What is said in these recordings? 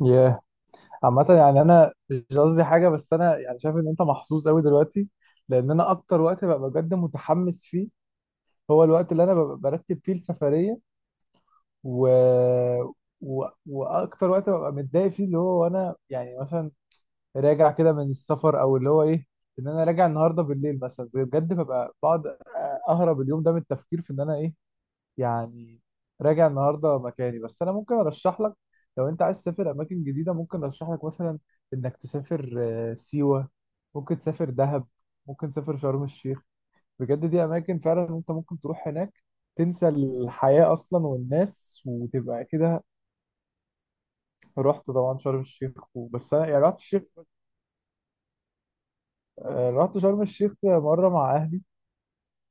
ياه. عامة يعني أنا مش قصدي حاجة، بس أنا يعني شايف إن أنت محظوظ أوي دلوقتي. لأن أنا أكتر وقت ببقى بجد متحمس فيه هو الوقت اللي أنا ببقى برتب فيه السفرية. و... وأكتر وقت ببقى متضايق فيه اللي هو وأنا يعني مثلا راجع كده من السفر، أو اللي هو إيه، إن أنا راجع النهاردة بالليل مثلا بجد ببقى بقعد أهرب اليوم ده من التفكير في إن أنا إيه، يعني راجع النهارده مكاني. بس انا ممكن ارشح لك، لو انت عايز تسافر اماكن جديده ممكن ارشح لك مثلا انك تسافر سيوه، ممكن تسافر دهب، ممكن تسافر شرم الشيخ. بجد دي اماكن فعلا انت ممكن تروح هناك، تنسى الحياه اصلا والناس وتبقى كده. رحت طبعا شرم الشيخ، وبس انا يعني رحت الشيخ. رحت شرم الشيخ مره مع اهلي،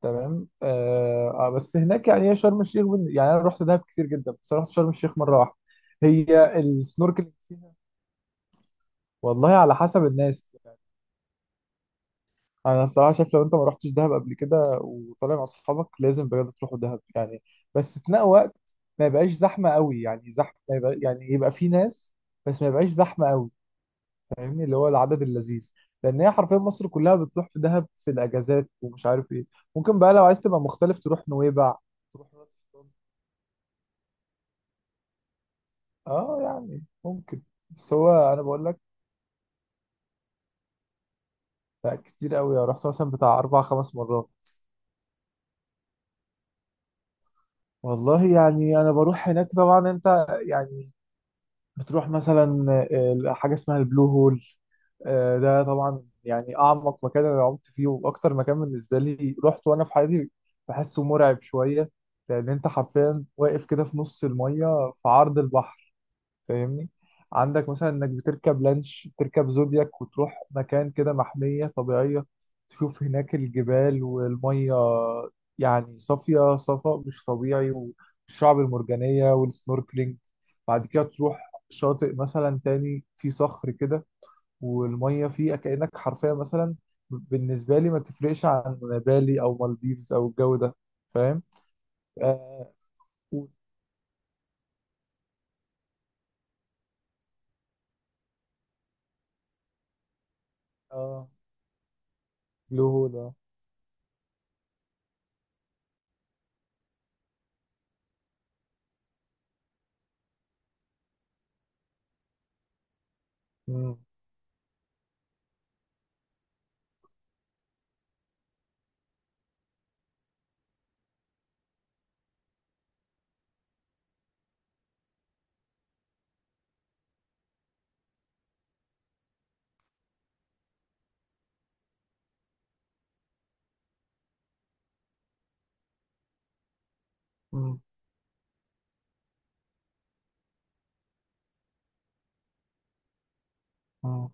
تمام. بس هناك يعني هي شرم الشيخ يعني انا رحت دهب كتير جدا، بس أنا رحت شرم الشيخ مره واحده. هي السنوركلينج فيها. والله على حسب الناس. انا الصراحه شايف لو انت ما رحتش دهب قبل كده وطالع مع اصحابك لازم بجد تروحوا دهب يعني. بس في نفس وقت ما يبقاش زحمه قوي، يعني زحمه يبقى يعني يبقى في ناس بس ما يبقاش زحمه قوي، فاهمني، اللي هو العدد اللذيذ. لان هي حرفيا مصر كلها بتروح في دهب في الاجازات ومش عارف ايه. ممكن بقى لو عايز تبقى مختلف تروح نويبع، تروح راس شيطان. اه يعني ممكن. بس هو انا بقول لك، لا كتير قوي أنا رحت مثلا بتاع 4 5 مرات. والله يعني انا بروح هناك طبعا، انت يعني بتروح مثلا حاجه اسمها البلو هول. ده طبعا يعني اعمق مكان انا عمت فيه واكتر مكان بالنسبه لي رحت وانا في حياتي. بحسه مرعب شويه، لان انت حرفيا واقف كده في نص الميه في عرض البحر، فاهمني. عندك مثلا انك بتركب لانش، بتركب زودياك وتروح مكان كده محمية طبيعية، تشوف هناك الجبال والمية، يعني صافية صفاء مش طبيعي، والشعب المرجانية والسنوركلينج. بعد كده تروح شاطئ مثلا تاني فيه صخر كده والمية فيه كأنك حرفيا مثلا بالنسبة لي ما تفرقش عن بالي أو مالديفز أو الجو ده. فاهم؟ آه. و- آه. بلو هول، آه. مم، مم، مم.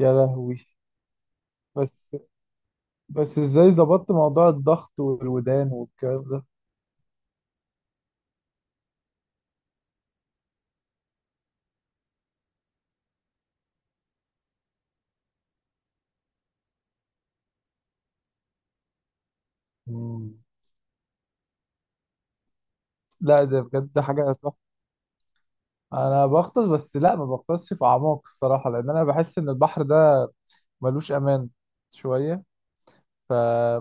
يا لهوي. بس بس ازاي ظبطت موضوع الضغط والودان والكلام ده؟ مم. لا ده بجد حاجة تحفة. انا بغطس، بس لا ما بغطسش في اعماق الصراحة لان انا بحس ان البحر ده ملوش امان شوية. ف...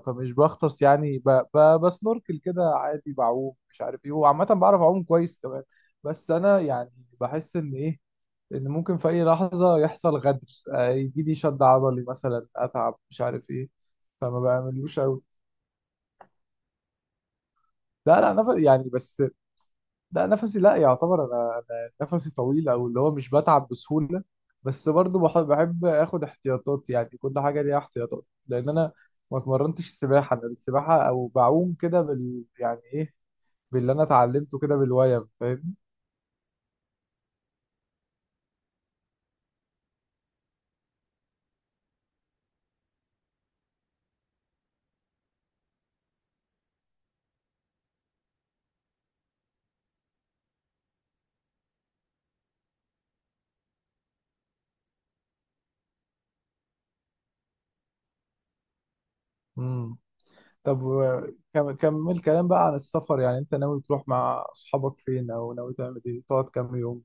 فمش بغطس يعني بسنوركل كده عادي، بعوم مش عارف ايه، وعامة بعرف اعوم كويس كمان. بس انا يعني بحس ان ايه، ان ممكن في اي لحظة يحصل غدر، يجي لي شد عضلي مثلا، اتعب مش عارف ايه، فما بعملوش قوي. لا لا نفس يعني بس، لا نفسي لا يعتبر، انا نفسي طويل، او اللي هو مش بتعب بسهوله. بس برضو بحب اخد احتياطات يعني كل حاجه ليها احتياطات. لان انا ما اتمرنتش سباحه، انا السباحه او بعوم كده بال يعني ايه، باللي انا اتعلمته كده بالويم، فاهم. امم. طب كمل كلام بقى عن السفر يعني انت ناوي تروح مع اصحابك فين؟ او ناوي تعمل ايه؟ تقعد كام يوم؟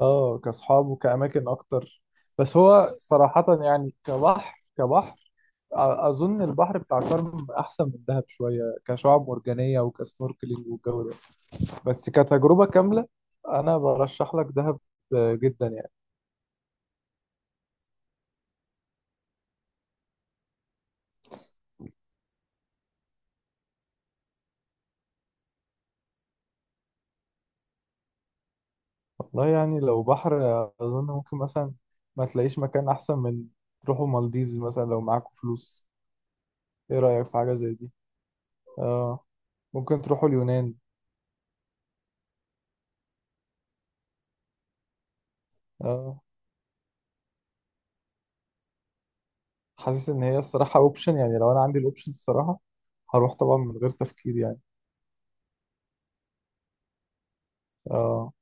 اه كاصحاب وكاماكن اكتر. بس هو صراحه يعني كبحر، كبحر اظن البحر بتاع شرم احسن من دهب شويه كشعاب مرجانيه وكسنوركلينج والجو ده. بس كتجربه كامله انا برشح لك دهب جدا يعني. والله يعني لو بحر اظن ممكن مثلا ما تلاقيش مكان احسن من تروحوا مالديفز مثلا لو معاكم فلوس. ايه رايك في حاجه زي دي؟ اه. ممكن تروحوا اليونان. اه. حاسس ان هي الصراحه اوبشن يعني، لو انا عندي الاوبشن الصراحه هروح طبعا من غير تفكير يعني. اه.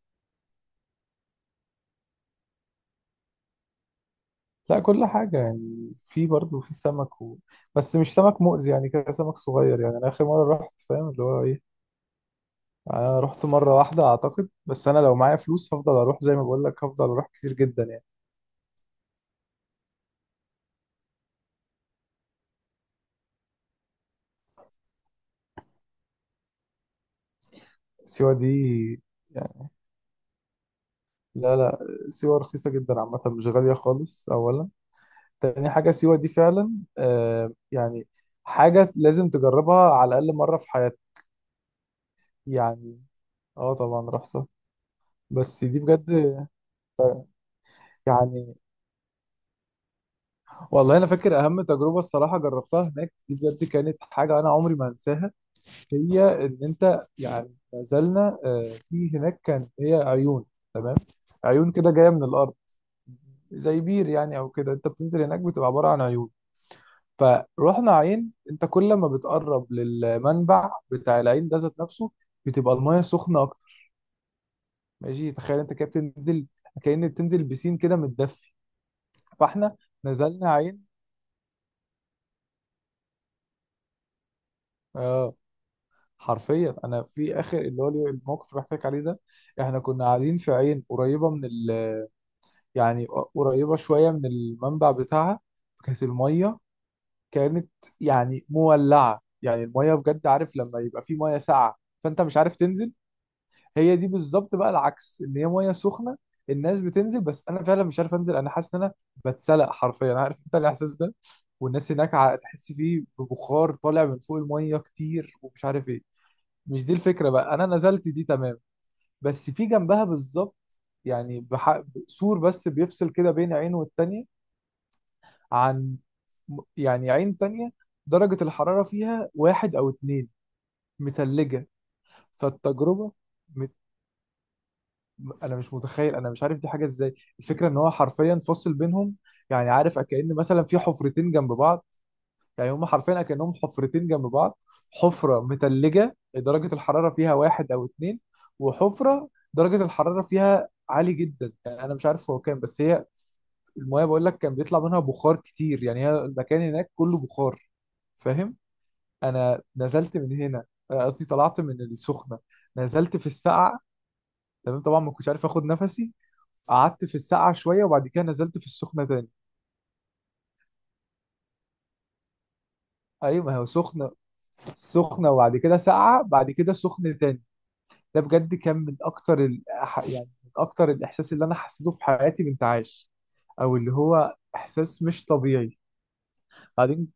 لا كل حاجة يعني، في برضه في سمك و... بس مش سمك مؤذي، يعني كده سمك صغير. يعني أنا آخر مرة رحت، فاهم اللي هو إيه، أنا رحت مرة واحدة أعتقد. بس أنا لو معايا فلوس هفضل أروح، زي ما بقول لك هفضل أروح كتير جدا يعني. سيوة دي يعني، لا لا، سيوة رخيصة جدا عامة، مش غالية خالص أولا. تاني حاجة سيوة دي فعلا يعني حاجة لازم تجربها على الأقل مرة في حياتك. يعني اه طبعا رحتها، بس دي بجد يعني. والله انا فاكر اهم تجربه الصراحه جربتها هناك، دي بجد كانت حاجه انا عمري ما انساها. هي ان انت يعني نزلنا في هناك كان هي عيون، تمام. عيون كده جايه من الارض زي بير يعني، او كده انت بتنزل هناك بتبقى عباره عن عيون. فروحنا عين، انت كل ما بتقرب للمنبع بتاع العين ده ذات نفسه بتبقى المايه سخنه اكتر. ماشي، تخيل انت كده بتنزل كأن بتنزل بسين كده متدفي. فاحنا نزلنا عين. اه، حرفيا انا في اخر اللي هو الموقف اللي بحكي لك عليه ده، احنا كنا قاعدين في عين قريبه من يعني قريبه شويه من المنبع بتاعها. كانت الميه كانت يعني مولعه، يعني الميه بجد، عارف لما يبقى في ميه ساقعه فانت مش عارف تنزل؟ هي دي بالظبط، بقى العكس ان هي ميه سخنه. الناس بتنزل، بس انا فعلا مش عارف انزل، انا حاسس ان انا بتسلق حرفيا، عارف انت الاحساس ده. والناس هناك تحس فيه ببخار طالع من فوق الميه كتير ومش عارف ايه. مش دي الفكرة، بقى أنا نزلت دي تمام. بس في جنبها بالظبط، يعني سور بس بيفصل كده بين عين والتانية، عن يعني عين تانية درجة الحرارة فيها 1 أو 2 متلجة. فالتجربة مت... أنا مش متخيل، أنا مش عارف دي حاجة إزاي. الفكرة إن هو حرفيا فاصل بينهم، يعني عارف كأن مثلا في حفرتين جنب بعض، يعني هم حرفيا كأنهم حفرتين جنب بعض. حفرة متلجة درجة الحرارة فيها واحد أو اتنين، وحفرة درجة الحرارة فيها عالي جدا، يعني أنا مش عارف هو كام، بس هي المايه بقول لك كان بيطلع منها بخار كتير، يعني هي المكان هناك كله بخار، فاهم. أنا نزلت من هنا، قصدي طلعت من السخنة، نزلت في السقعة. تمام طبعا ما كنتش عارف اخد نفسي، قعدت في السقعة شوية وبعد كده نزلت في السخنة تاني. ايوه، ما هو سخنة، سخنة وبعد كده ساقعة بعد كده سخنة تاني. ده بجد كان من اكتر يعني من اكتر الاحساس اللي انا حسيته في حياتي بانتعاش، او اللي هو احساس مش طبيعي. بعدين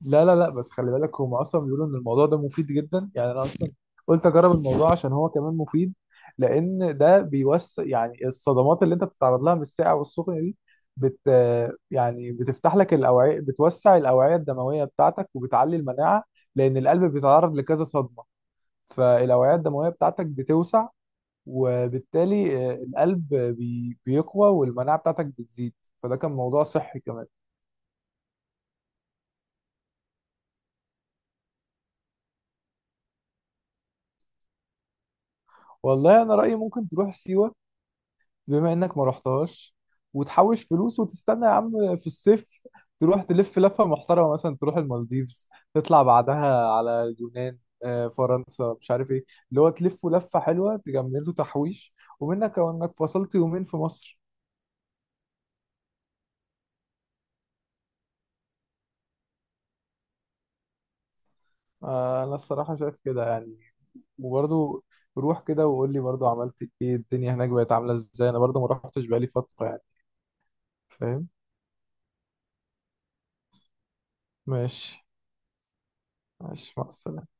لا لا لا بس خلي بالك هم اصلا بيقولوا ان الموضوع ده مفيد جدا، يعني انا اصلا قلت اجرب الموضوع عشان هو كمان مفيد. لان ده بيوسع يعني الصدمات اللي انت بتتعرض لها من الساقع والسخن دي بت يعني بتفتح لك الاوعيه، بتوسع الاوعيه الدمويه بتاعتك وبتعلي المناعه، لان القلب بيتعرض لكذا صدمه. فالاوعيه الدمويه بتاعتك بتوسع، وبالتالي القلب بيقوى، والمناعة بتاعتك بتزيد، فده كان موضوع صحي كمان. والله انا رأيي ممكن تروح سيوة بما انك ما رحتهاش، وتحوش فلوس وتستنى يا عم في الصيف تروح تلف لفة محترمة، مثلا تروح المالديفز تطلع بعدها على اليونان، فرنسا مش عارف ايه، اللي هو تلفوا لفة حلوة تجملوا تحويش ومنك او انك فصلت يومين في مصر. انا الصراحة شايف كده يعني، وبرضه روح كده وقول لي برضه عملت ايه، الدنيا هناك بقت عاملة ازاي، انا برضه ما روحتش بقالي فترة يعني، فاهم. ماشي. ماشي، مع السلامة.